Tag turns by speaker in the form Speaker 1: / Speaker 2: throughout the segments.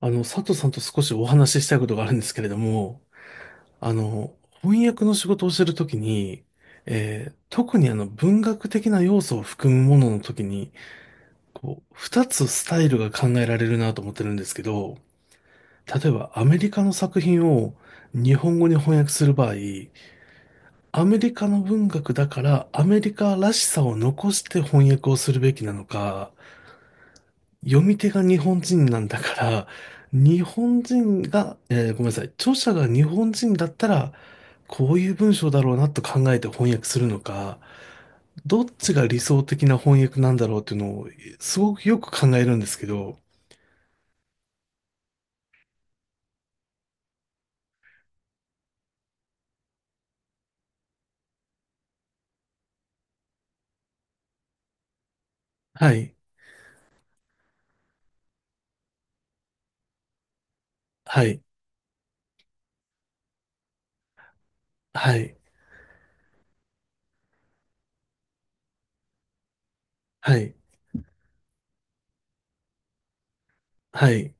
Speaker 1: 佐藤さんと少しお話ししたいことがあるんですけれども、あの、翻訳の仕事をしてるときに、特に文学的な要素を含むもののときに、こう、二つスタイルが考えられるなと思ってるんですけど、例えばアメリカの作品を日本語に翻訳する場合、アメリカの文学だからアメリカらしさを残して翻訳をするべきなのか、読み手が日本人なんだから、日本人が、えーごめんなさい、著者が日本人だったら、こういう文章だろうなと考えて翻訳するのか、どっちが理想的な翻訳なんだろうっていうのを、すごくよく考えるんですけど、はい、はい、はい、はい、はい、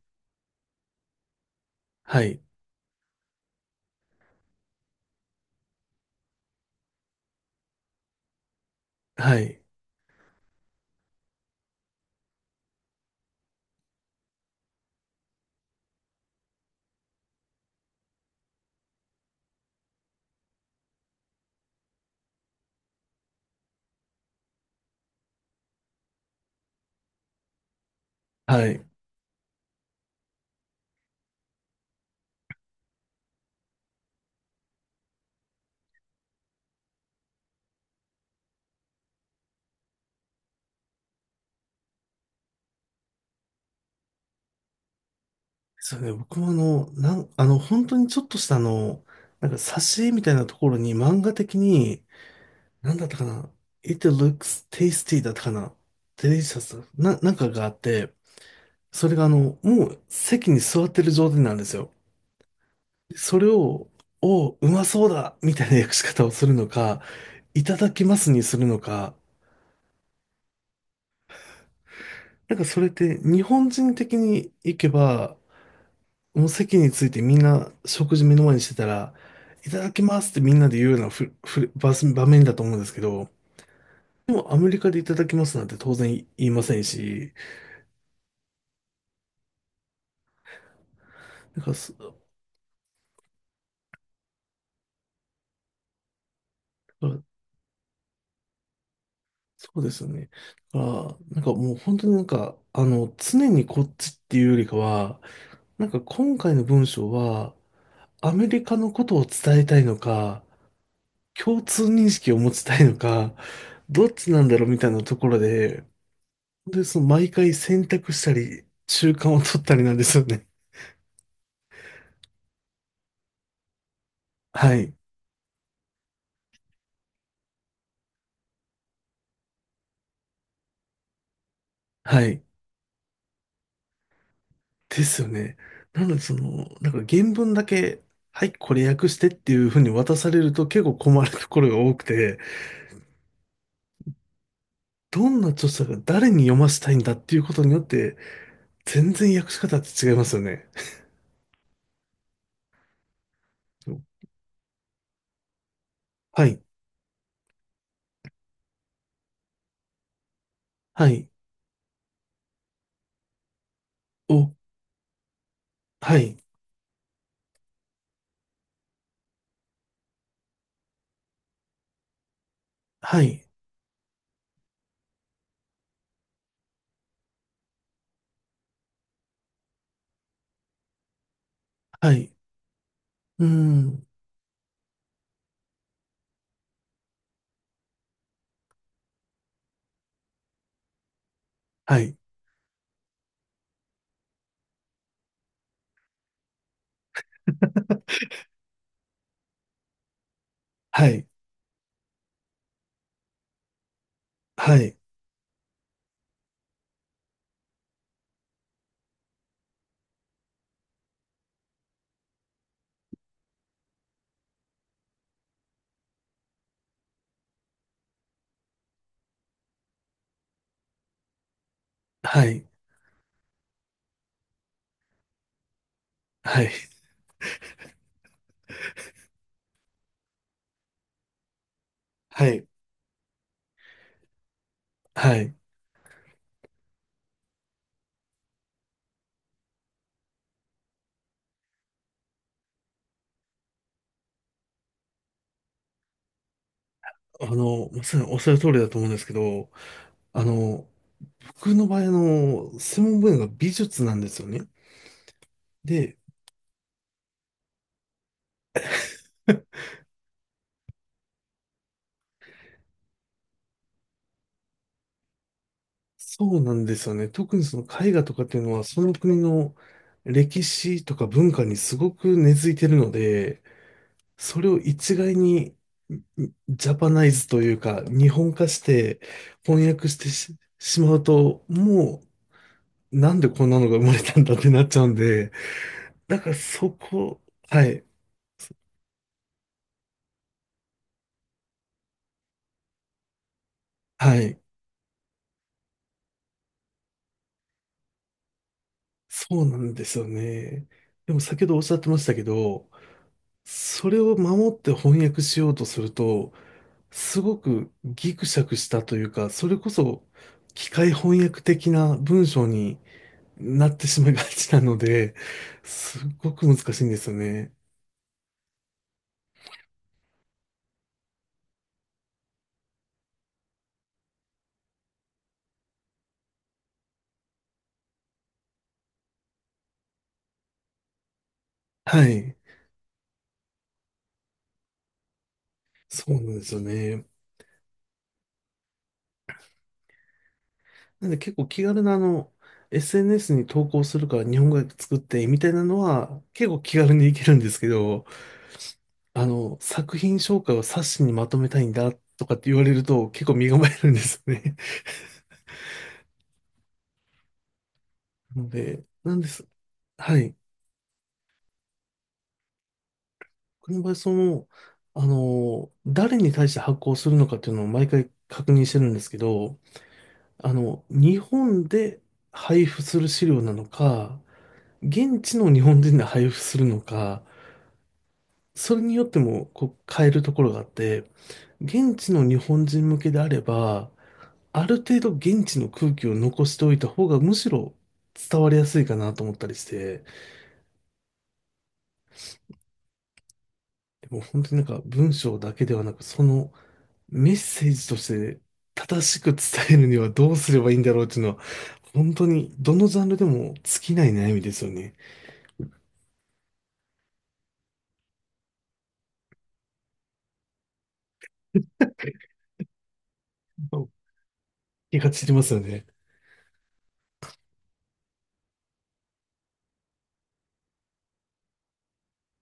Speaker 1: はい、はい、はい。そうね、僕もあの、なん、あの、本当にちょっとしたなんか挿絵みたいなところに漫画的に、なんだったかな、 It looks tasty だったかな、 Delicious な、なんかがあって、それがもう席に座ってる状態なんですよ。それを、おう、うまそうだみたいな訳し方をするのか、いただきますにするのか、なんかそれって日本人的に行けば、もう席についてみんな食事目の前にしてたら、いただきますってみんなで言うようなふふ場場面だと思うんですけど、でもアメリカでいただきますなんて当然言いませんし、なんかそうそうですよね。だから、なんかもう本当になんか、常にこっちっていうよりかは、なんか今回の文章は、アメリカのことを伝えたいのか、共通認識を持ちたいのか、どっちなんだろうみたいなところで、本当にその毎回選択したり、習慣を取ったりなんですよね。はい。はい。ですよね。なので、その、なんか原文だけ、はい、これ訳してっていうふうに渡されると結構困るところが多くて、どんな著者が誰に読ませたいんだっていうことによって、全然訳し方って違いますよね。そうはい、はい、お、はい、はい、はい、うーん、はい、はい、はい、はい、はい、はい、はい。あの、まさにおっしゃる通りだと思うんですけど、あの、僕の場合、専門分野が美術なんですよね。で、そうなんですよね。特にその絵画とかっていうのは、その国の歴史とか文化にすごく根付いてるので、それを一概にジャパナイズというか、日本化して翻訳してしまうと、もうなんでこんなのが生まれたんだってなっちゃうんで、だからそこ、はい、はい、そうなんですよね。でも先ほどおっしゃってましたけど、それを守って翻訳しようとすると、すごくギクシャクしたというか、それこそ機械翻訳的な文章になってしまいがちなので、すごく難しいんですよね。はい。そうなんですよね。なんで結構気軽なSNS に投稿するから日本語訳作ってみたいなのは結構気軽にいけるんですけど、作品紹介を冊子にまとめたいんだとかって言われると結構身構えるんですよね。なので、なんです。はい。この場合、その、誰に対して発行するのかっていうのを毎回確認してるんですけど、日本で配布する資料なのか、現地の日本人で配布するのか、それによってもこう変えるところがあって、現地の日本人向けであれば、ある程度現地の空気を残しておいた方がむしろ伝わりやすいかなと思ったりして、でも本当になんか文章だけではなく、そのメッセージとして正しく伝えるにはどうすればいいんだろうっていうのは、本当にどのジャンルでも尽きない悩みですよね。気が散りますよね。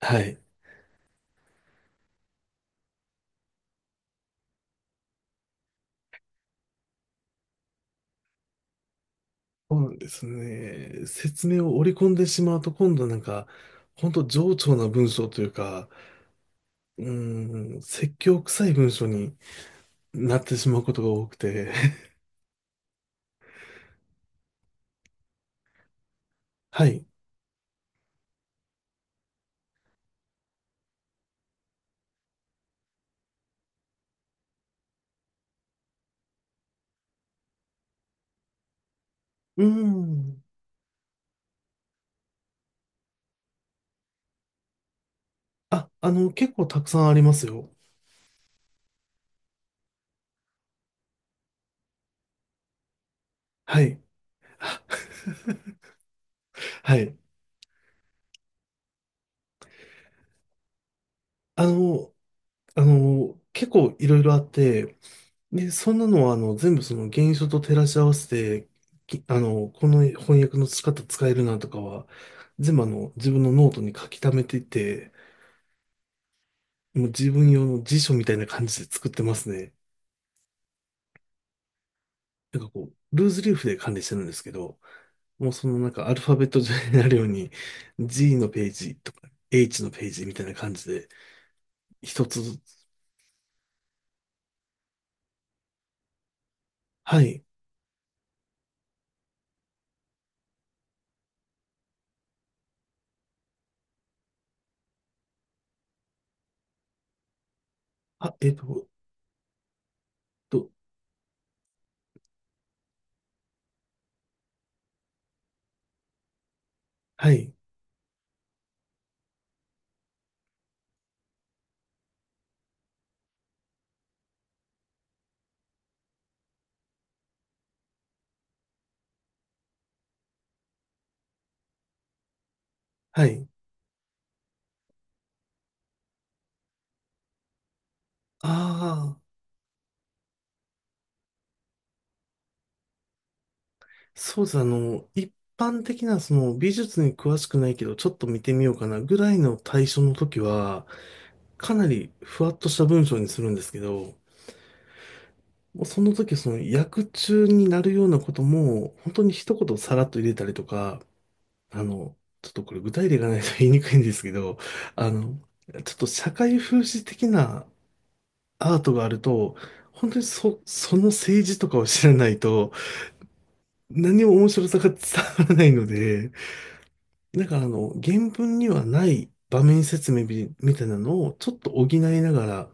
Speaker 1: はい。そうなんですね。説明を織り込んでしまうと、今度なんか、本当冗長な文章というか、うーん、説教臭い文章になってしまうことが多くて。はい。うーん。あ、結構たくさんありますよ。はい。はい。あの、結構いろいろあって、で、そんなのは、全部その原書と照らし合わせて、この翻訳の仕方使えるなとかは、全部自分のノートに書き溜めていて、もう自分用の辞書みたいな感じで作ってますね。なんかこう、ルーズリーフで管理してるんですけど、もうそのなんかアルファベット上になるように、G のページとか、H のページみたいな感じで、一つずつ、はい、あ、と、はい、はい、ああ、そうですね。あの、一般的なその美術に詳しくないけど、ちょっと見てみようかなぐらいの対象の時は、かなりふわっとした文章にするんですけど、もうその時その役中になるようなことも、本当に一言さらっと入れたりとか、あの、ちょっとこれ具体例がないと言いにくいんですけど、あの、ちょっと社会風刺的なアートがあると、本当にその政治とかを知らないと、何も面白さが伝わらないので、なんか原文にはない場面説明みたいなのをちょっと補いながら、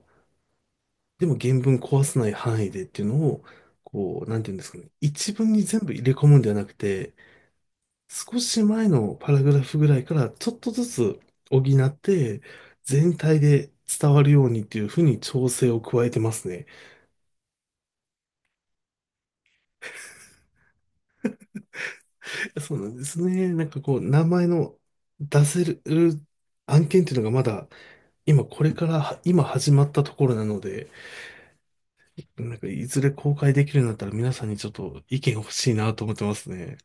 Speaker 1: でも原文壊さない範囲でっていうのを、こう、なんていうんですかね。一文に全部入れ込むんではなくて、少し前のパラグラフぐらいからちょっとずつ補って、全体で伝わるようにっていうふうに調整を加えてますね。そうなんですね。なんかこう、名前の出せる案件っていうのがまだ、今これから、今始まったところなので、なんか、いずれ公開できるようになったら皆さんにちょっと意見欲しいなと思ってますね。